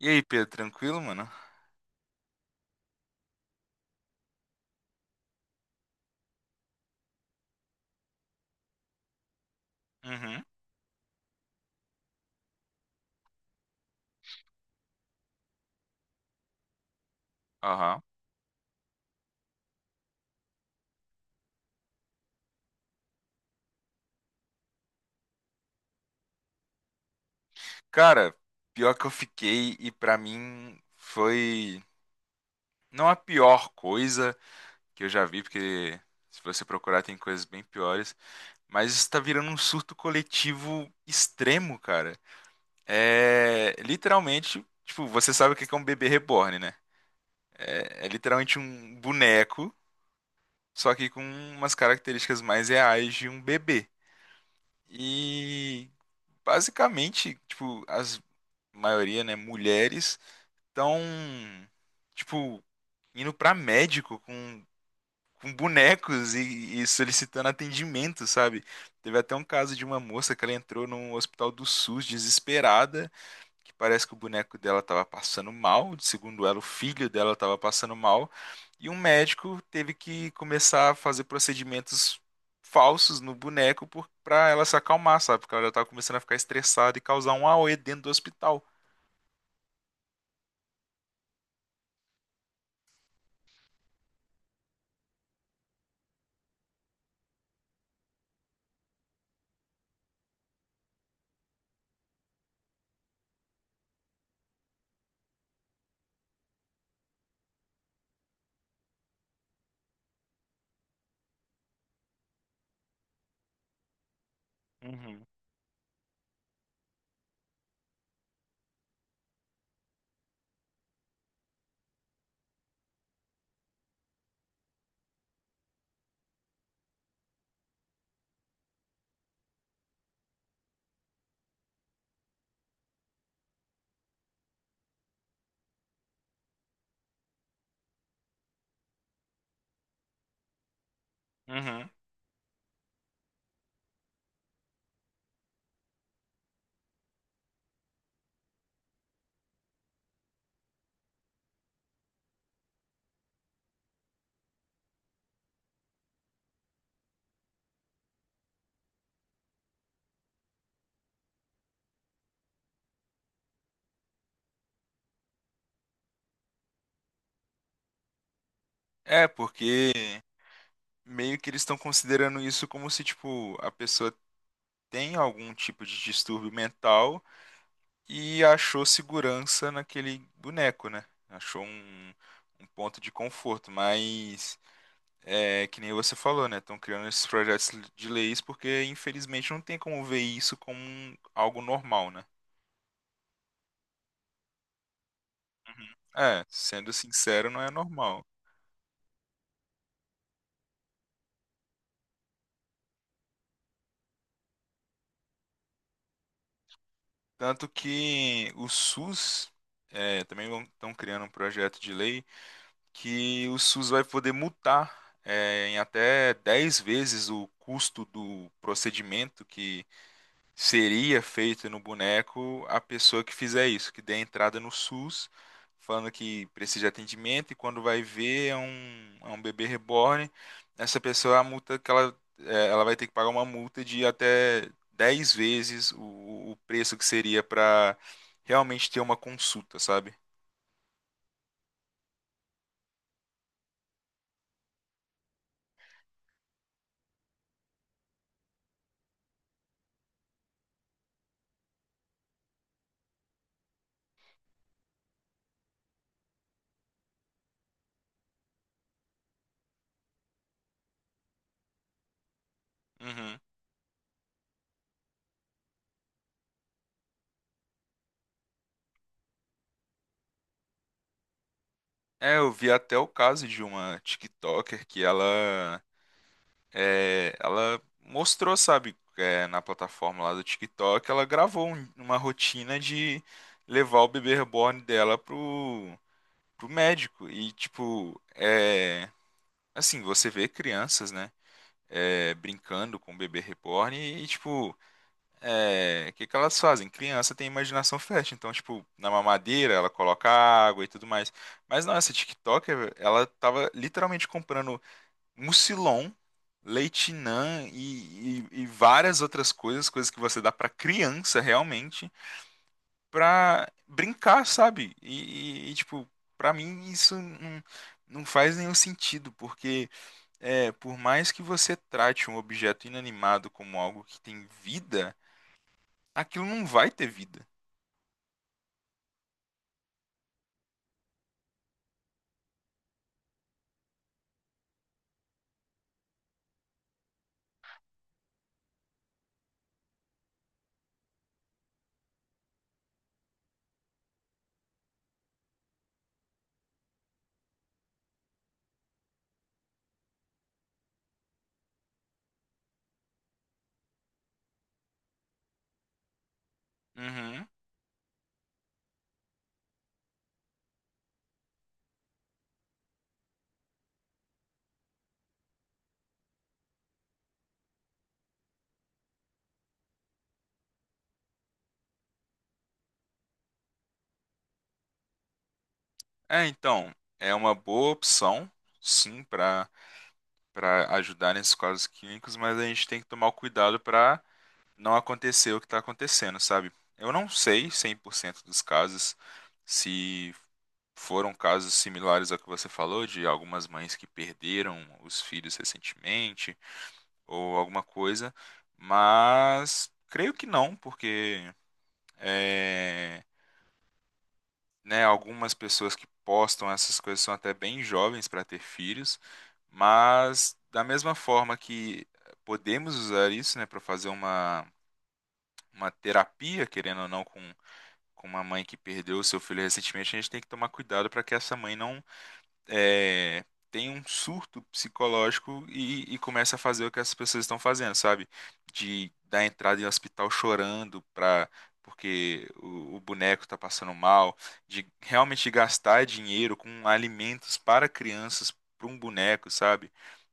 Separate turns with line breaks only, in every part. E aí, Pedro, tranquilo, mano? Uhum. Aham. Cara, pior que eu fiquei e pra mim foi não a pior coisa que eu já vi, porque se você procurar tem coisas bem piores, mas isso tá virando um surto coletivo extremo, cara. É literalmente, tipo, você sabe o que que é um bebê reborn, né? É literalmente um boneco, só que com umas características mais reais de um bebê. E basicamente, tipo, as maioria, né, mulheres, estão, tipo, indo pra médico com bonecos e solicitando atendimento, sabe? Teve até um caso de uma moça que ela entrou no hospital do SUS desesperada, que parece que o boneco dela tava passando mal, segundo ela, o filho dela tava passando mal, e um médico teve que começar a fazer procedimentos falsos no boneco pra ela se acalmar, sabe? Porque ela já tava começando a ficar estressada e causar um AOE dentro do hospital. Uhum, uhum. É, porque meio que eles estão considerando isso como se, tipo, a pessoa tem algum tipo de distúrbio mental e achou segurança naquele boneco, né? Achou um ponto de conforto, mas é que nem você falou, né? Estão criando esses projetos de leis porque, infelizmente, não tem como ver isso como algo normal, né? Uhum. É, sendo sincero, não é normal. Tanto que o SUS também estão criando um projeto de lei que o SUS vai poder multar em até 10 vezes o custo do procedimento que seria feito no boneco a pessoa que fizer isso, que dê entrada no SUS, falando que precisa de atendimento e quando vai ver é um bebê reborn, essa pessoa, a multa que ela vai ter que pagar uma multa de até 10 vezes o preço que seria para realmente ter uma consulta, sabe? Uhum. É, eu vi até o caso de uma TikToker que ela mostrou, sabe, na plataforma lá do TikTok, ela gravou uma rotina de levar o bebê reborn dela pro médico. E, tipo, assim, você vê crianças, né, brincando com o bebê reborn e, tipo, o que que elas fazem? Criança tem imaginação fértil, então, tipo, na mamadeira ela coloca água e tudo mais. Mas não, essa TikToker, ela tava literalmente comprando Mucilon, Leitinã e várias outras coisas, coisas que você dá pra criança realmente, pra brincar, sabe? E, tipo, pra mim isso não, não faz nenhum sentido, porque por mais que você trate um objeto inanimado como algo que tem vida, aquilo não vai ter vida. Uhum. É, então, é uma boa opção, sim, para ajudar nesses casos clínicos, mas a gente tem que tomar o cuidado para não acontecer o que está acontecendo, sabe? Eu não sei 100% dos casos se foram casos similares ao que você falou, de algumas mães que perderam os filhos recentemente, ou alguma coisa, mas creio que não, porque. eh, né, algumas pessoas que postam essas coisas são até bem jovens para ter filhos, mas da mesma forma que podemos usar isso, né, para fazer uma terapia, querendo ou não, com uma mãe que perdeu o seu filho recentemente, a gente tem que tomar cuidado para que essa mãe não é, tem um surto psicológico e começa a fazer o que as pessoas estão fazendo, sabe? De dar entrada em hospital chorando porque o boneco tá passando mal, de realmente gastar dinheiro com alimentos para crianças, para um boneco, sabe?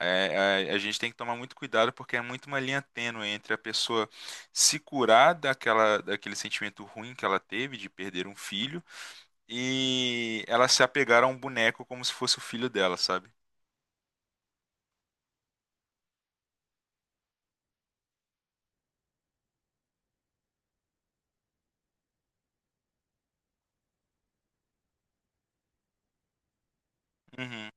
É, a gente tem que tomar muito cuidado porque é muito uma linha tênue entre a pessoa se curar daquele sentimento ruim que ela teve de perder um filho e ela se apegaram a um boneco como se fosse o filho dela, sabe? Uhum.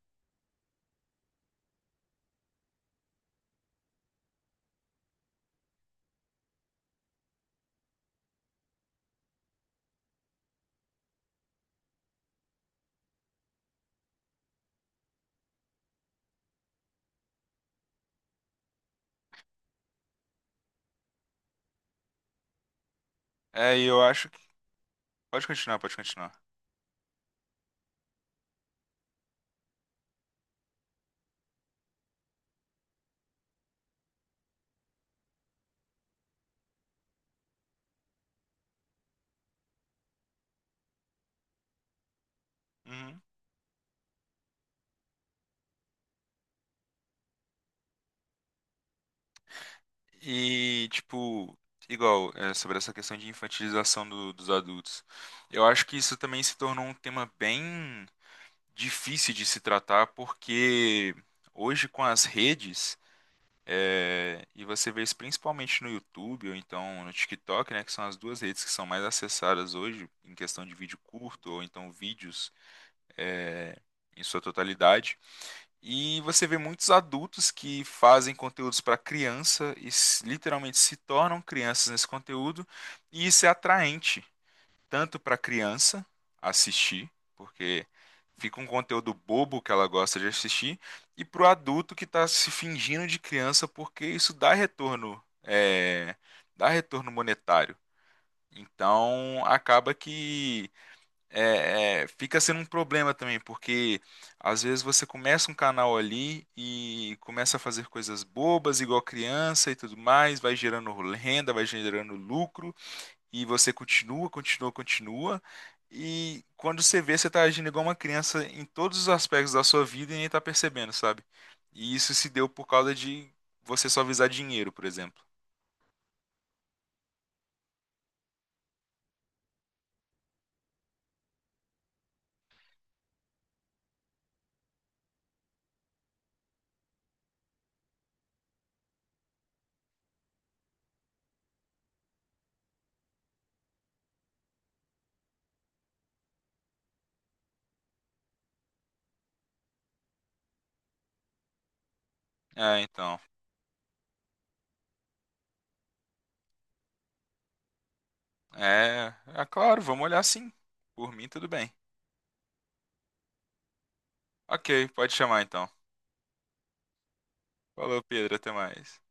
É, e eu acho que. Pode continuar, pode continuar. Uhum. E, tipo, igual, sobre essa questão de infantilização dos adultos. Eu acho que isso também se tornou um tema bem difícil de se tratar, porque hoje com as redes, e você vê isso principalmente no YouTube ou então no TikTok, né, que são as duas redes que são mais acessadas hoje em questão de vídeo curto ou então vídeos é, em sua totalidade. E você vê muitos adultos que fazem conteúdos para criança e literalmente se tornam crianças nesse conteúdo, e isso é atraente tanto para a criança assistir, porque fica um conteúdo bobo que ela gosta de assistir, e para o adulto que está se fingindo de criança, porque isso dá retorno, dá retorno monetário. Então acaba que fica sendo um problema também, porque às vezes você começa um canal ali e começa a fazer coisas bobas, igual criança e tudo mais, vai gerando renda, vai gerando lucro, e você continua, continua, continua. E quando você vê, você está agindo igual uma criança em todos os aspectos da sua vida e nem está percebendo, sabe? E isso se deu por causa de você só visar dinheiro, por exemplo. É, então. É, é claro, vamos olhar sim. Por mim, tudo bem. Ok, pode chamar então. Falou, Pedro, até mais.